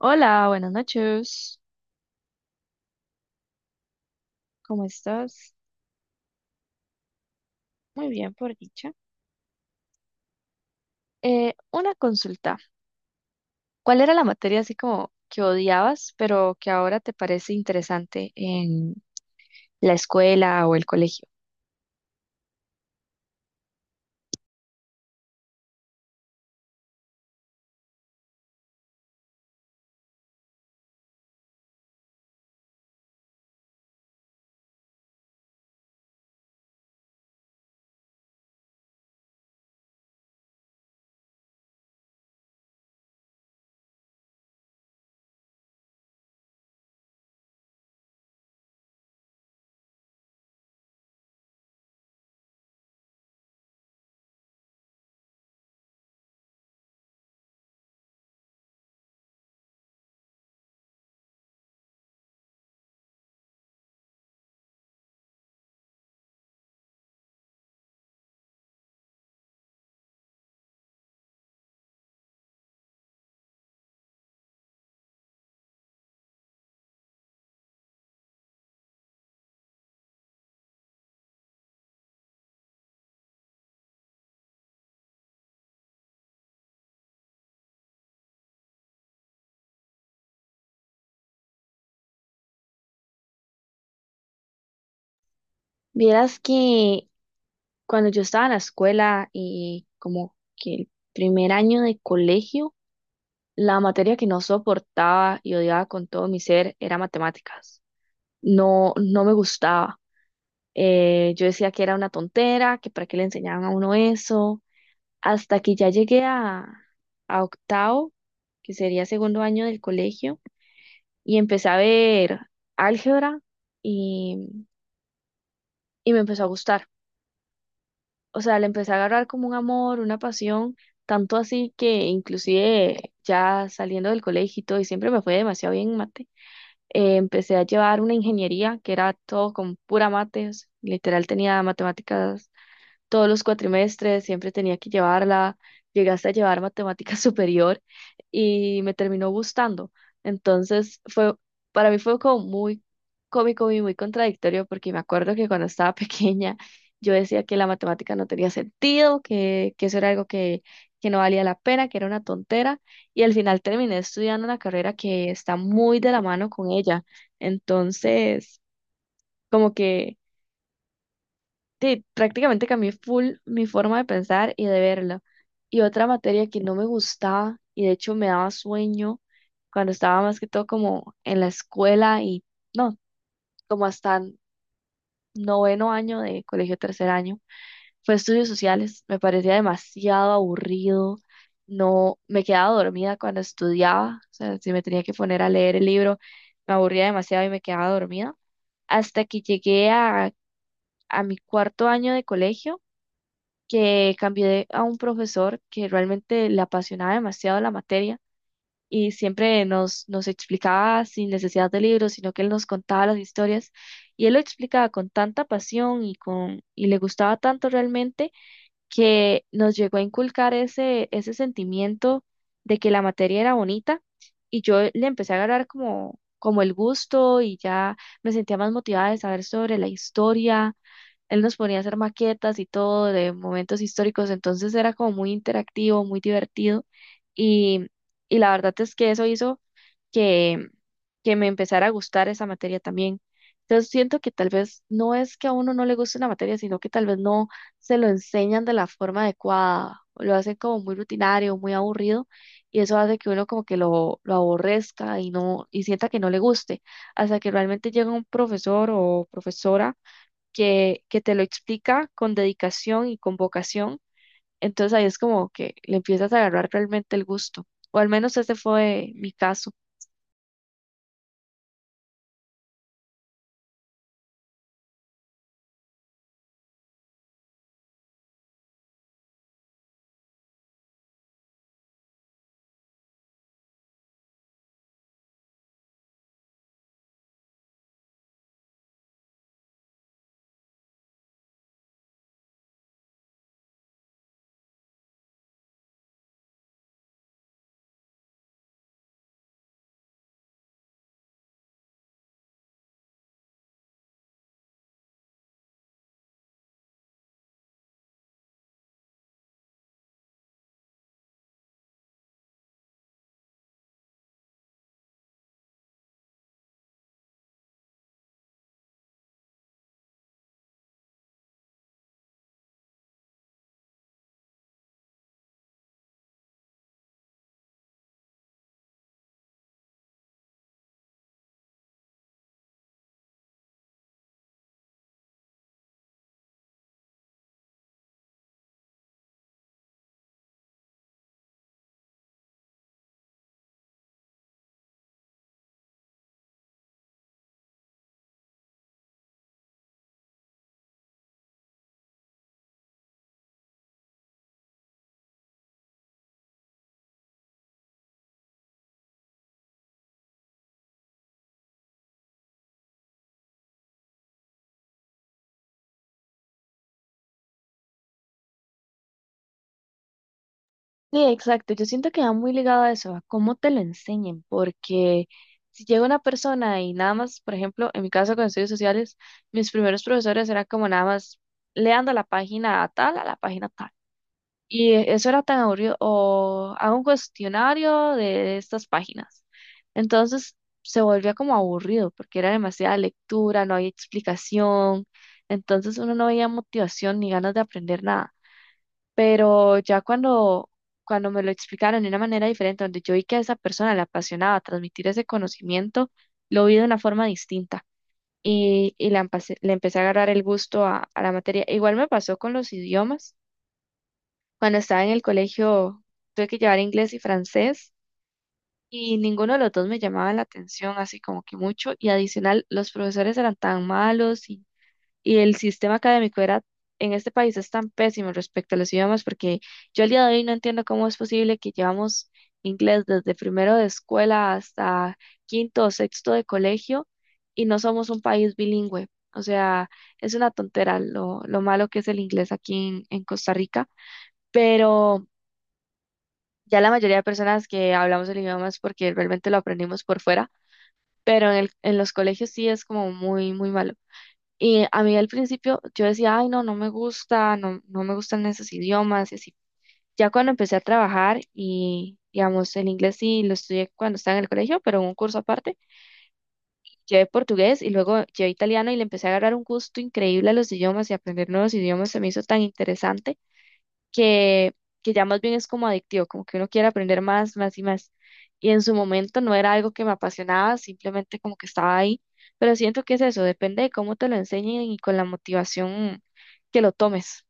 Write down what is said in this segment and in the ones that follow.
Hola, buenas noches. ¿Cómo estás? Muy bien, por dicha. Una consulta. ¿Cuál era la materia así como que odiabas, pero que ahora te parece interesante en la escuela o el colegio? Vieras que cuando yo estaba en la escuela y como que el primer año de colegio, la materia que no soportaba y odiaba con todo mi ser era matemáticas. No, no me gustaba. Yo decía que era una tontera, que para qué le enseñaban a uno eso hasta que ya a octavo, que sería segundo año del colegio, y empecé a ver álgebra y, y me empezó a gustar. O sea, le empecé a agarrar como un amor, una pasión, tanto así que inclusive ya saliendo del colegio y todo, y siempre me fue demasiado bien en mate, empecé a llevar una ingeniería que era todo con pura mates, literal tenía matemáticas todos los cuatrimestres, siempre tenía que llevarla, llegué hasta llevar matemática superior y me terminó gustando. Entonces fue, para mí fue como muy cómico y muy contradictorio porque me acuerdo que cuando estaba pequeña yo decía que la matemática no tenía sentido, que eso era algo que no valía la pena, que era una tontera y al final terminé estudiando una carrera que está muy de la mano con ella. Entonces, como que... Sí, prácticamente cambié full mi forma de pensar y de verlo. Y otra materia que no me gustaba y de hecho me daba sueño cuando estaba más que todo como en la escuela y no, como hasta noveno año de colegio tercer año, fue estudios sociales. Me parecía demasiado aburrido. No, me quedaba dormida cuando estudiaba. O sea, si me tenía que poner a leer el libro, me aburría demasiado y me quedaba dormida. Hasta que llegué a mi cuarto año de colegio que cambié a un profesor que realmente le apasionaba demasiado la materia y siempre nos explicaba sin necesidad de libros, sino que él nos contaba las historias y él lo explicaba con tanta pasión y le gustaba tanto realmente que nos llegó a inculcar ese sentimiento de que la materia era bonita y yo le empecé a agarrar como, como el gusto y ya me sentía más motivada de saber sobre la historia. Él nos ponía a hacer maquetas y todo de momentos históricos, entonces era como muy interactivo, muy divertido y, y la verdad es que eso hizo que, que me empezara a gustar esa materia también. Entonces siento que tal vez no es que a uno no le guste una materia, sino que tal vez no se lo enseñan de la forma adecuada, lo hacen como muy rutinario, muy aburrido y eso hace que uno como que lo aborrezca y no y sienta que no le guste, hasta que realmente llega un profesor o profesora que te lo explica con dedicación y con vocación, entonces ahí es como que le empiezas a agarrar realmente el gusto, o al menos ese fue mi caso. Sí, exacto. Yo siento que va muy ligado a eso, a cómo te lo enseñen, porque si llega una persona y nada más, por ejemplo, en mi caso con estudios sociales, mis primeros profesores eran como nada más leando la página tal a la página tal. Y eso era tan aburrido. O hago un cuestionario de estas páginas. Entonces se volvía como aburrido porque era demasiada lectura, no había explicación. Entonces uno no veía motivación ni ganas de aprender nada. Pero ya cuando me lo explicaron de una manera diferente, donde yo vi que a esa persona le apasionaba transmitir ese conocimiento, lo vi de una forma distinta. Le empecé a agarrar el gusto a la materia. Igual me pasó con los idiomas cuando estaba en el colegio. Tuve que llevar inglés y francés y ninguno de los dos me llamaba la atención así como que mucho y adicional los profesores eran tan malos, y el sistema académico era, en este país es tan pésimo respecto a los idiomas porque yo al día de hoy no entiendo cómo es posible que llevamos inglés desde primero de escuela hasta quinto o sexto de colegio y no somos un país bilingüe. O sea, es una tontera lo malo que es el inglés aquí en Costa Rica, pero... Ya la mayoría de personas que hablamos el idioma es porque realmente lo aprendimos por fuera, pero en los colegios sí es como muy, muy malo. Y a mí al principio yo decía, ay, no, no me gusta, no, no me gustan esos idiomas y así. Ya cuando empecé a trabajar y, digamos, el inglés sí lo estudié cuando estaba en el colegio, pero en un curso aparte, llevé portugués y luego llevé italiano y le empecé a agarrar un gusto increíble a los idiomas y aprender nuevos idiomas se me hizo tan interesante que, que ya más bien es como adictivo, como que uno quiere aprender más, más y más. Y en su momento no era algo que me apasionaba, simplemente como que estaba ahí. Pero siento que es eso, depende de cómo te lo enseñen y con la motivación que lo tomes.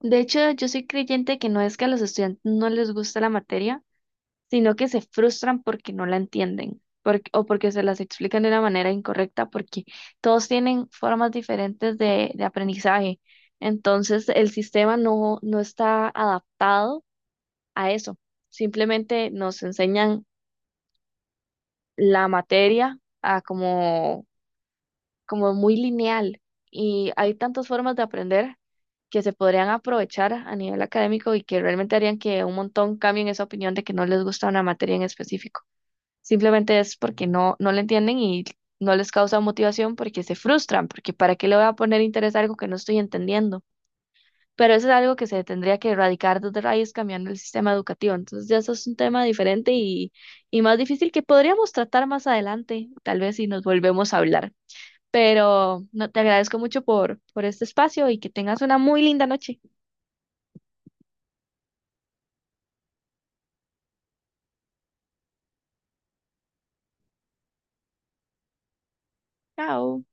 De hecho, yo soy creyente que no es que a los estudiantes no les gusta la materia, sino que se frustran porque no la entienden, o porque se las explican de una manera incorrecta, porque todos tienen formas diferentes de aprendizaje. Entonces, el sistema no está adaptado a eso. Simplemente nos enseñan la materia a como muy lineal y hay tantas formas de aprender que se podrían aprovechar a nivel académico y que realmente harían que un montón cambien esa opinión de que no les gusta una materia en específico. Simplemente es porque no la entienden y no les causa motivación porque se frustran, porque ¿para qué le voy a poner interés a algo que no estoy entendiendo? Pero eso es algo que se tendría que erradicar desde raíz cambiando el sistema educativo. Entonces ya eso es un tema diferente y más difícil que podríamos tratar más adelante, tal vez si nos volvemos a hablar. Pero no, te agradezco mucho por este espacio y que tengas una muy linda noche. Chao.